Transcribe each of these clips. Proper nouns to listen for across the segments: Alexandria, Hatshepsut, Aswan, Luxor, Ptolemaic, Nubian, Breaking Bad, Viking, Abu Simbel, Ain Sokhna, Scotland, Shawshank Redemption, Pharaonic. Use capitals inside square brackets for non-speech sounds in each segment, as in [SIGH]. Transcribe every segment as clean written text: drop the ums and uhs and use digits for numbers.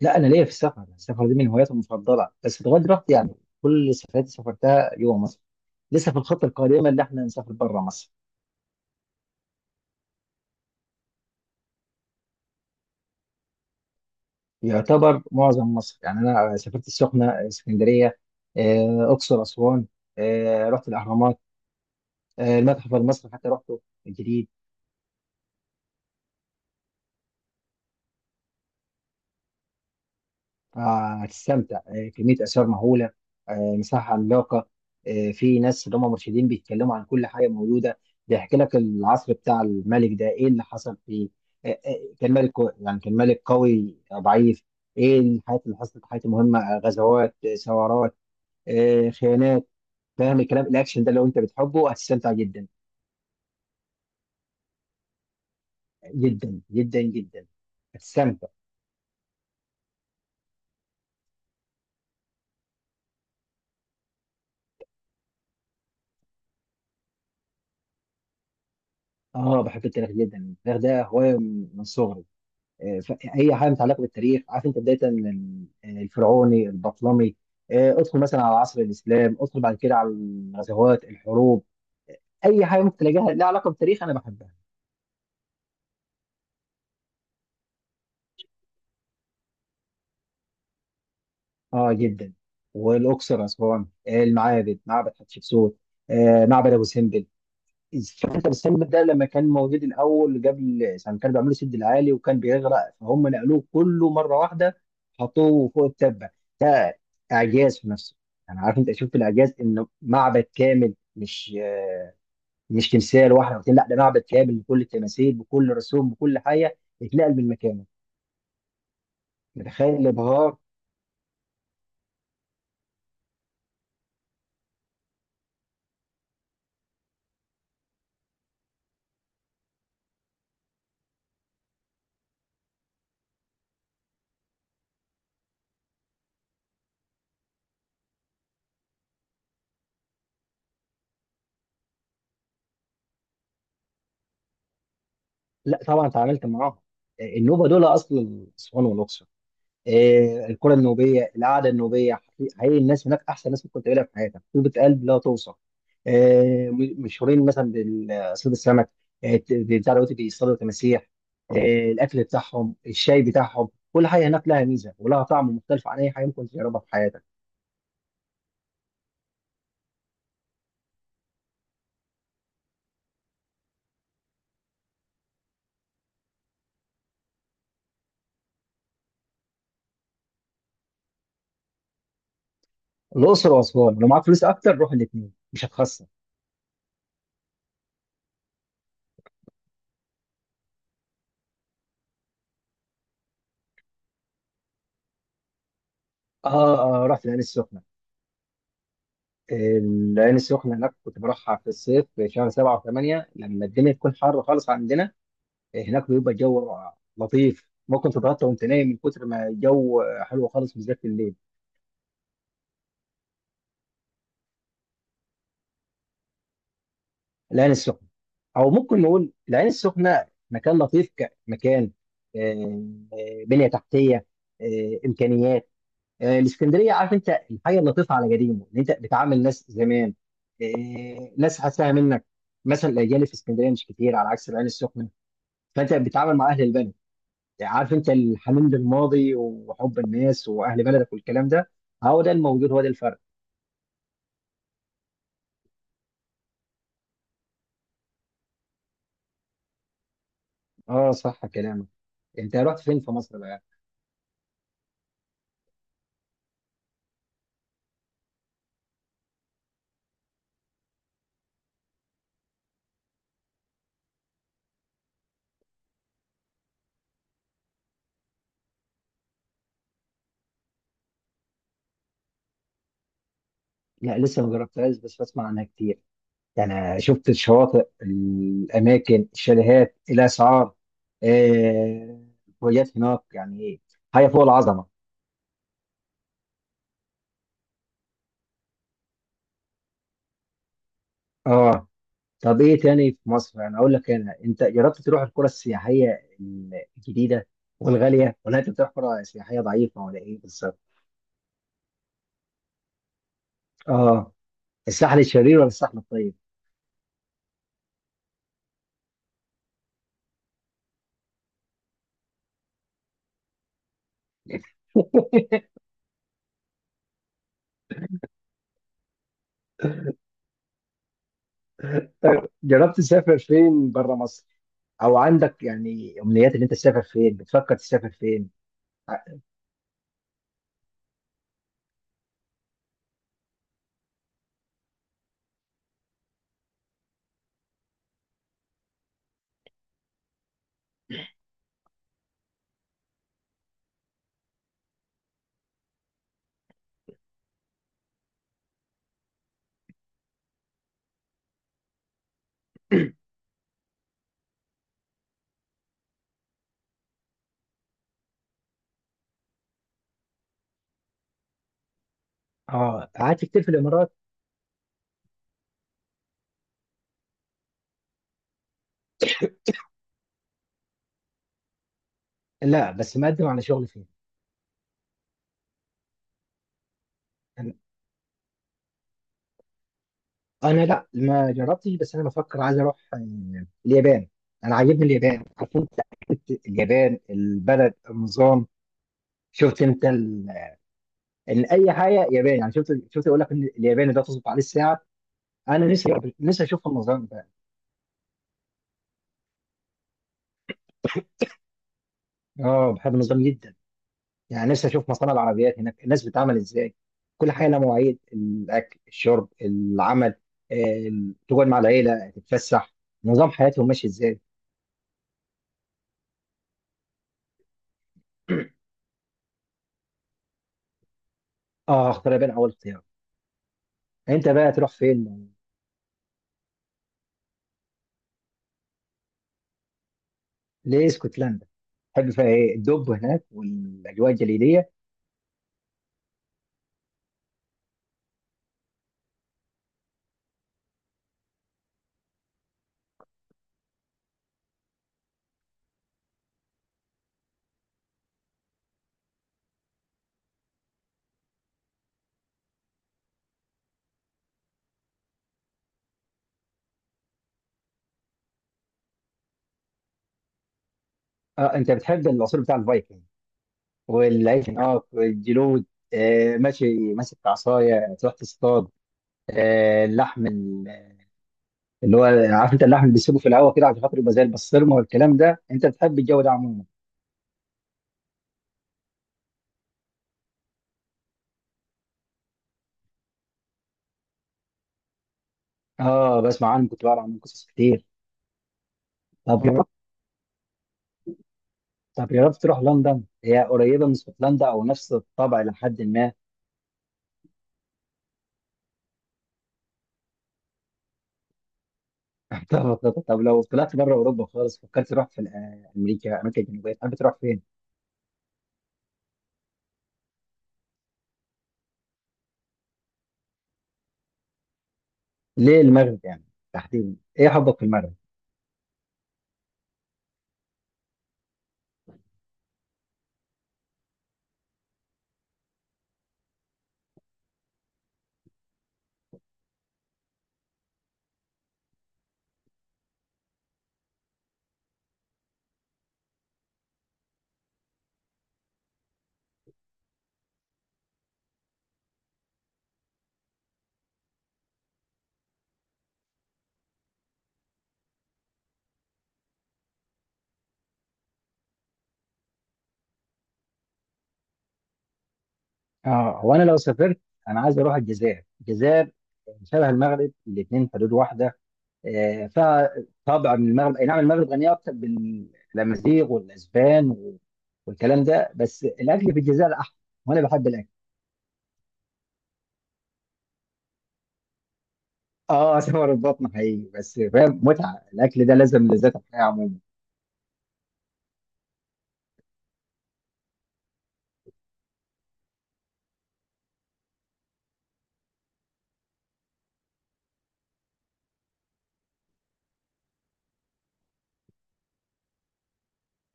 لا، انا ليا في السفر. السفر دي من هواياتي المفضله بس لغايه دلوقتي يعني كل السفرات اللي سافرتها جوه مصر. لسه في الخطه القادمه اللي احنا نسافر بره مصر. يعتبر معظم مصر، يعني انا سافرت السخنه، اسكندريه، اقصر، اسوان. رحت الاهرامات. المتحف المصري حتى رحته الجديد. هتستمتع. كمية آثار مهولة. مساحة عملاقة. في ناس اللي هم مرشدين بيتكلموا عن كل حاجة موجودة. بيحكي لك العصر بتاع الملك ده إيه اللي حصل فيه. يعني كان ملك قوي أو ضعيف. إيه الحاجات اللي حصلت؟ حاجات مهمة، غزوات، ثورات، خيانات. فاهم الكلام؟ الأكشن ده لو أنت بتحبه هتستمتع جدا جدا جدا جدا. هتستمتع. بحب التاريخ جدا. التاريخ ده هواية من صغري. ف- اي حاجه متعلقه بالتاريخ، عارف انت، بدايه من الفرعوني، البطلمي، ادخل مثلا على عصر الاسلام، ادخل بعد كده على الغزوات، الحروب. اي حاجه ممكن تلاقيها لها علاقه بالتاريخ انا بحبها. اه، جدا. والاقصر، اسوان، المعابد، معبد حتشبسوت، معبد ابو سمبل. شفت السم ده لما كان موجود الاول، قبل يعني كانوا بيعملوا سد العالي وكان بيغرق، فهم نقلوه كله مره واحده، حطوه فوق التبه. ده اعجاز في نفسه. انا عارف انت شفت الاعجاز، انه معبد كامل، مش مش تمثال واحد او اتنين، لا ده معبد كامل بكل التماثيل، بكل رسوم، بكل حاجه اتنقل من مكانه. متخيل الابهار؟ لا طبعا اتعاملت معاهم. النوبه دول اصل اسوان والاقصر. الكره النوبيه، القعده النوبيه. حقيقي الناس هناك احسن ناس ممكن تقابلها في حياتك، طيبه قلب لا توصف. مشهورين مثلا بصيد السمك. بتاع دلوقتي بيصطادوا تماسيح. آه، الاكل بتاعهم، الشاي بتاعهم، كل حاجه هناك لها ميزه ولها طعم مختلف عن اي حاجه ممكن تجربها في حياتك. الاقصر واسوان لو معاك فلوس اكتر روح الاثنين مش هتخسر. اه، اه، رحت العين السخنه. العين السخنه هناك كنت بروحها في الصيف، في شهر 7 و8 لما الدنيا تكون حر خالص عندنا. هناك بيبقى الجو لطيف، ممكن تتغطى وانت نايم من كتر ما الجو حلو خالص، بالذات في الليل. العين السخنه، او ممكن نقول العين السخنه مكان لطيف، كمكان، آه، بنيه تحتيه، امكانيات. الاسكندريه، عارف انت الحاجه اللطيفه على قديمه، ان انت بتعامل ناس زمان، ناس حاساها منك. مثلا الاجيال في اسكندريه مش كتير على عكس العين السخنه، فانت بتتعامل مع اهل البلد، عارف انت، الحنين للماضي وحب الناس واهل بلدك والكلام ده. هو ده الموجود، هو ده الفرق. اه صح كلامك. انت رحت فين في مصر بقى؟ لا، لسه ما جربتهاش بس بسمع عنها كتير. انا شفت الشواطئ، الاماكن، الشاليهات، الاسعار، آه، الفوجات هناك، يعني ايه، حاجه فوق العظمه. اه. طب ايه تاني في مصر؟ انا اقول لك، انت جربت تروح القرى السياحيه الجديده والغاليه، ولا انت بتروح قرى سياحيه ضعيفه ولا ايه بالظبط؟ اه. الساحل الشرير ولا الساحل الطيب؟ [LAUGHS] جربت تسافر فين بره مصر؟ او عندك يعني امنيات ان انت تسافر فين؟ بتفكر تسافر فين؟ اه قعدت كتير في الامارات؟ لا، بس مقدم على شغل فين. انا، لا ما جربتش بس انا بفكر عايز اروح اليابان. انا عاجبني اليابان، عارف انت، حتة اليابان البلد النظام. شفت انت ان اي حاجه ياباني، يعني شفت يقول لك ان الياباني ده تظبط عليه الساعه. انا نفسي اشوف النظام ده. اه بحب النظام جدا. يعني نفسي اشوف مصانع العربيات هناك الناس بتعمل ازاي. كل حاجه لها مواعيد، الاكل، الشرب، العمل، آه، تقعد مع العيله، تتفسح. نظام حياتهم ماشي ازاي. اه، اختار، بين اول اختيار. انت بقى تروح فين؟ ليه اسكتلندا؟ تحب فيها ايه؟ الدب هناك والاجواء الجليديه؟ اه، انت بتحب العصور بتاع الفايكنج والعيش، الجلود. ماشي ماسك عصايه تروح تصطاد. اللحم، اللي هو، عارف انت، اللحم اللي بيسيبه في الهواء كده عشان خاطر يبقى زي البسطرمه والكلام ده، انت بتحب الجو ده عموما؟ اه، بسمع عنه، كنت بقرا عنه قصص كتير. طب جربت، تروح لندن؟ هي قريبه من اسكتلندا او نفس الطبع لحد ما. [LAUGHS] طب لو طلعت بره اوروبا خالص، فكرت تروح في امريكا امريكا الجنوبيه؟ تحب تروح فين؟ ليه المغرب يعني؟ تحديدا ايه حبك في المغرب؟ اه، هو انا لو سافرت، انا عايز اروح الجزائر. الجزائر شبه المغرب، الاثنين حدود واحده، آه، فطبعا المغرب اي نعم، المغرب غنيه اكثر بالامازيغ والاسبان والكلام ده، بس الاكل في الجزائر احلى، وانا بحب الاكل. اه، [LAUGHS] سمر البطن حقيقي، بس فاهم، متعه الاكل ده لازم لذات الحياه عموما.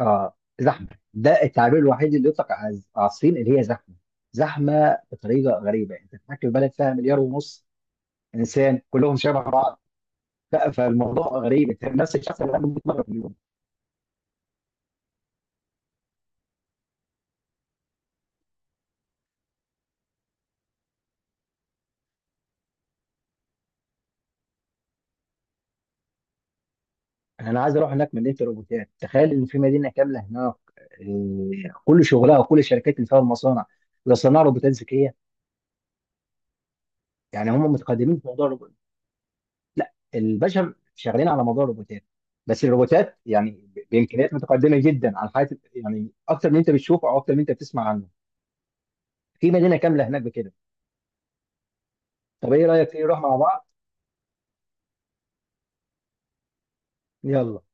اه، زحمه. ده التعبير الوحيد اللي يطلق على الصين، اللي هي زحمه. زحمه بطريقه غريبه، انت بتحكي في بلد فيها مليار ونص انسان، كلهم شبه بعض. فالموضوع غريب، انت نفس الشخص اللي عنده 100 مره. انا عايز اروح هناك مدينه الروبوتات. تخيل ان في مدينه كامله هناك، إيه، كل شغلها وكل الشركات اللي فيها المصانع بيصنعوا روبوتات ذكيه. يعني هم متقدمين في موضوع الروبوت. لا، البشر شغالين على موضوع الروبوتات، بس الروبوتات يعني بامكانيات متقدمه جدا عن حياه، يعني اكتر من انت بتشوفه او اكتر من انت بتسمع عنه. في مدينه كامله هناك بكده. طب ايه رايك؟ ايه نروح مع بعض؟ يلا.